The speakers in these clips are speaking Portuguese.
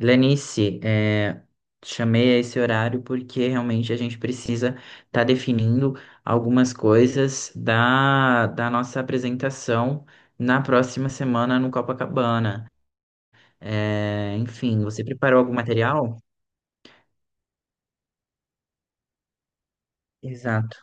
Lenice, chamei a esse horário porque realmente a gente precisa estar definindo algumas coisas da nossa apresentação na próxima semana no Copacabana. Enfim, você preparou algum material? Exato.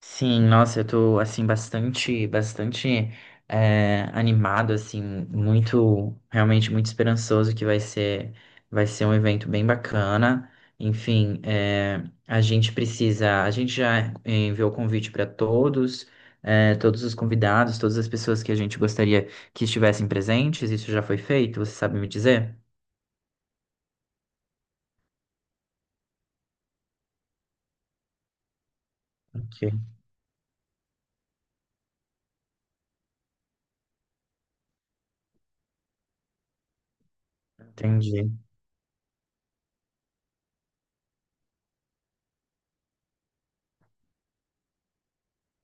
Sim, nossa, eu tô assim bastante animado, assim, muito, realmente muito esperançoso que vai ser um evento bem bacana. Enfim, a gente precisa, a gente já enviou o convite para todos, todos os convidados, todas as pessoas que a gente gostaria que estivessem presentes. Isso já foi feito, você sabe me dizer? Ok. Entendi.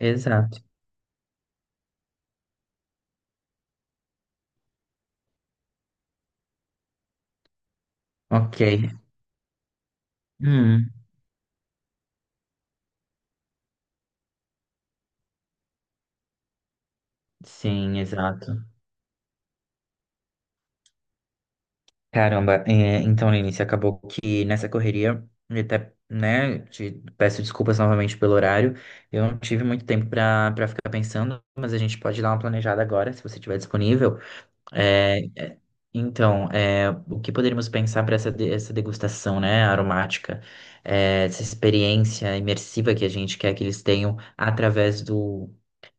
Exato. Ok. Hum, sim, exato. Caramba, então, Lenice, acabou que nessa correria, e até, né, te peço desculpas novamente pelo horário, eu não tive muito tempo para ficar pensando, mas a gente pode dar uma planejada agora, se você estiver disponível. É, é, então, o que poderíamos pensar para essa degustação, né, aromática. É, essa experiência imersiva que a gente quer que eles tenham através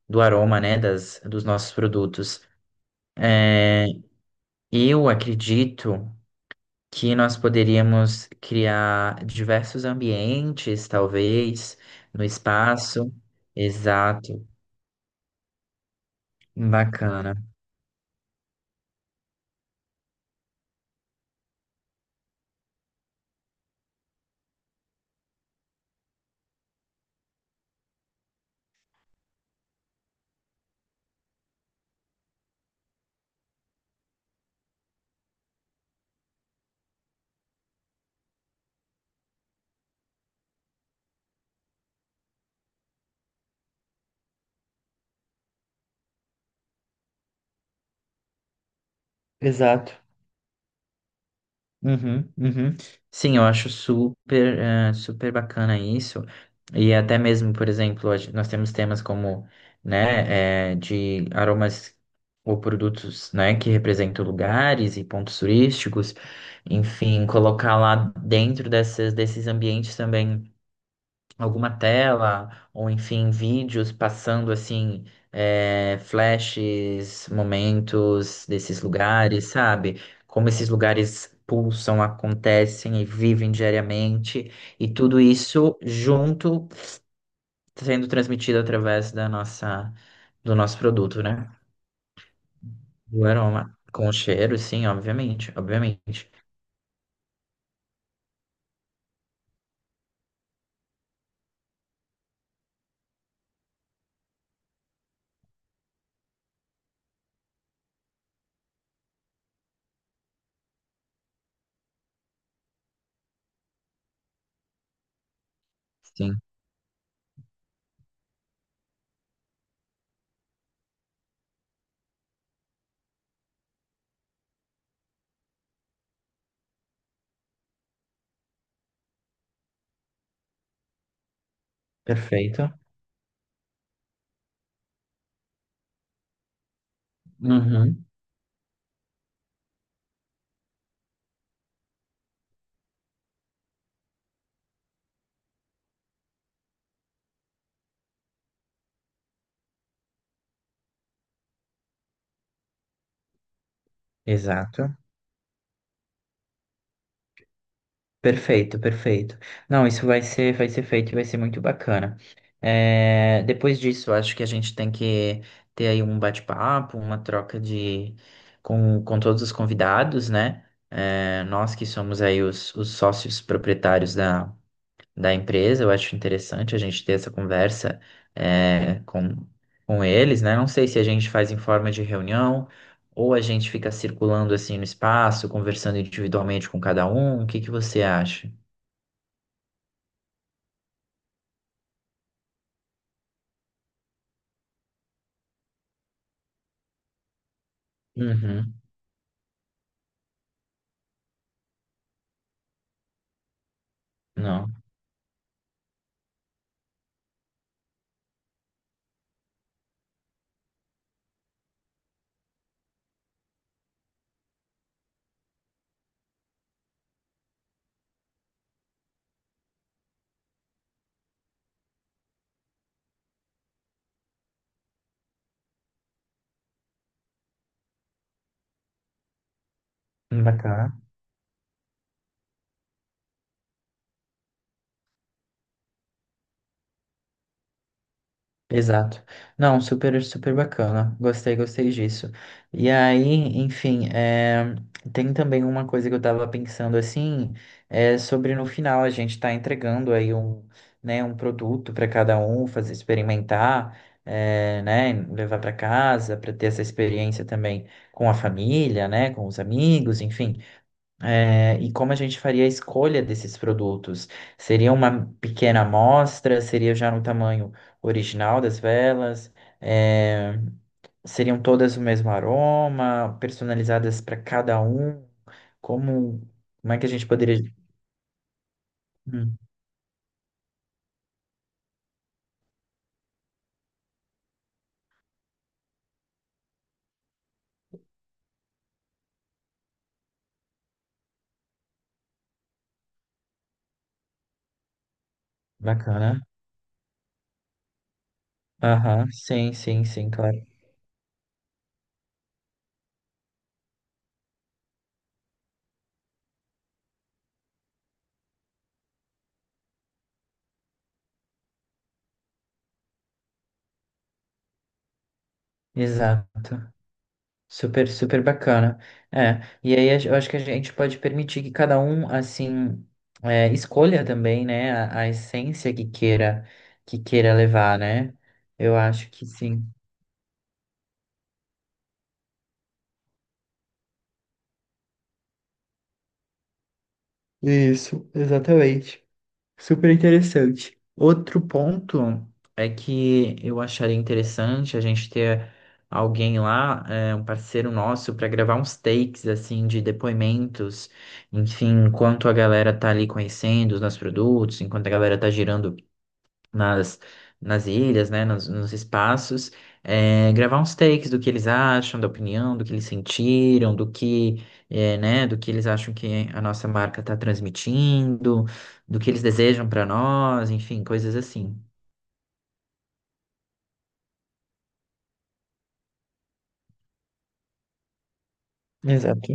do aroma, né, dos nossos produtos. É, eu acredito que nós poderíamos criar diversos ambientes, talvez, no espaço. Exato, bacana. Exato. Uhum, uhum. Sim, eu acho super, super bacana isso. E até mesmo, por exemplo, nós temos temas como, né, de aromas ou produtos, né, que representam lugares e pontos turísticos. Enfim, colocar lá dentro desses ambientes também alguma tela, ou enfim, vídeos passando assim, é, flashes, momentos desses lugares, sabe? Como esses lugares pulsam, acontecem e vivem diariamente, e tudo isso junto sendo transmitido através da nossa, do nosso produto, né? Do aroma. Com o cheiro, sim, obviamente, obviamente. Sim, perfeito. Uhum, exato. Perfeito, perfeito. Não, isso vai ser feito e vai ser muito bacana. É, depois disso, acho que a gente tem que ter aí um bate-papo, uma troca de com todos os convidados, né? É, nós que somos aí os sócios proprietários da empresa. Eu acho interessante a gente ter essa conversa é, com, com eles, né? Não sei se a gente faz em forma de reunião ou a gente fica circulando assim no espaço, conversando individualmente com cada um. O que você acha? Uhum. Não. Bacana. Exato. Não, super, super bacana. Gostei, gostei disso. E aí, tem também uma coisa que eu tava pensando assim, é sobre no final a gente tá entregando aí um produto para cada um fazer experimentar, levar para casa, para ter essa experiência também com a família, né, com os amigos, enfim. É, e como a gente faria a escolha desses produtos? Seria uma pequena amostra? Seria já no tamanho original das velas? É, seriam todas o mesmo aroma? Personalizadas para cada um? Como, como é que a gente poderia. Hum, bacana. Aham, sim, sim, sim, claro. Exato. Super, super bacana. É, e aí eu acho que a gente pode permitir que cada um, assim, escolha também, né, a essência que queira levar, né? Eu acho que sim. Isso, exatamente. Super interessante. Outro ponto é que eu acharia interessante a gente ter alguém lá, é, um parceiro nosso, para gravar uns takes assim de depoimentos, enfim, enquanto a galera tá ali conhecendo os nossos produtos, enquanto a galera tá girando nas, nas ilhas, né, nos espaços, é, gravar uns takes do que eles acham, da opinião, do que eles sentiram, do que eles acham que a nossa marca está transmitindo, do que eles desejam para nós, enfim, coisas assim. Exato.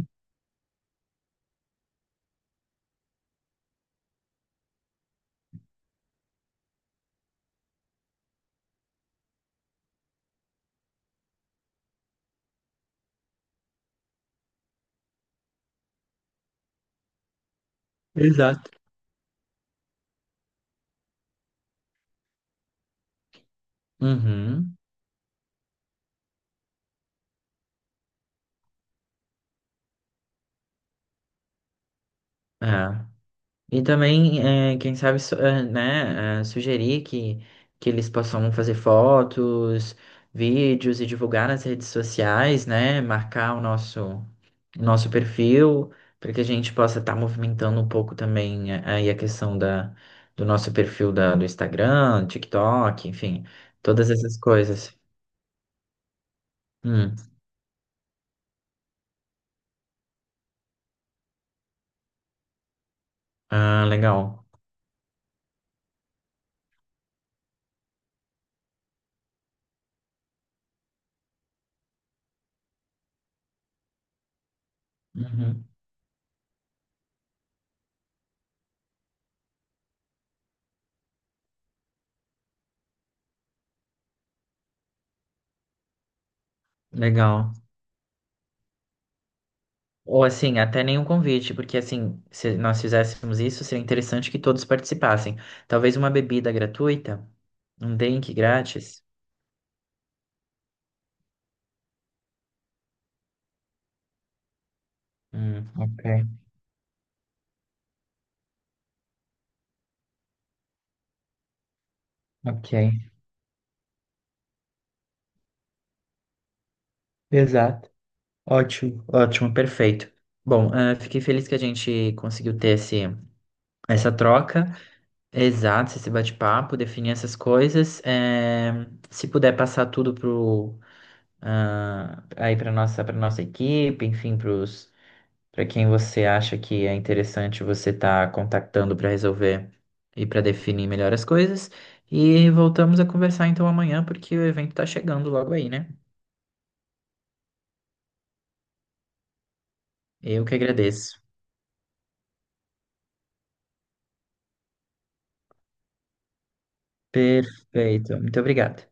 Exato. Uhum. É. E também, quem sabe, sugerir que eles possam fazer fotos, vídeos e divulgar nas redes sociais, né, marcar o nosso perfil, para que a gente possa estar movimentando um pouco também aí a questão do nosso perfil do Instagram, TikTok, enfim, todas essas coisas. Hum, ah, legal. Uhum, legal. Ou assim, até nenhum convite, porque assim, se nós fizéssemos isso, seria interessante que todos participassem. Talvez uma bebida gratuita, um drink grátis. Ok, ok. Exato. Ótimo, ótimo, perfeito. Bom, ah, fiquei feliz que a gente conseguiu ter essa troca, exato, esse bate-papo, definir essas coisas. Se puder passar tudo pro, ah, aí para nossa equipe, enfim, para para quem você acha que é interessante você estar contactando para resolver e para definir melhor as coisas. E voltamos a conversar então amanhã, porque o evento está chegando logo aí, né? Eu que agradeço. Perfeito. Muito obrigado.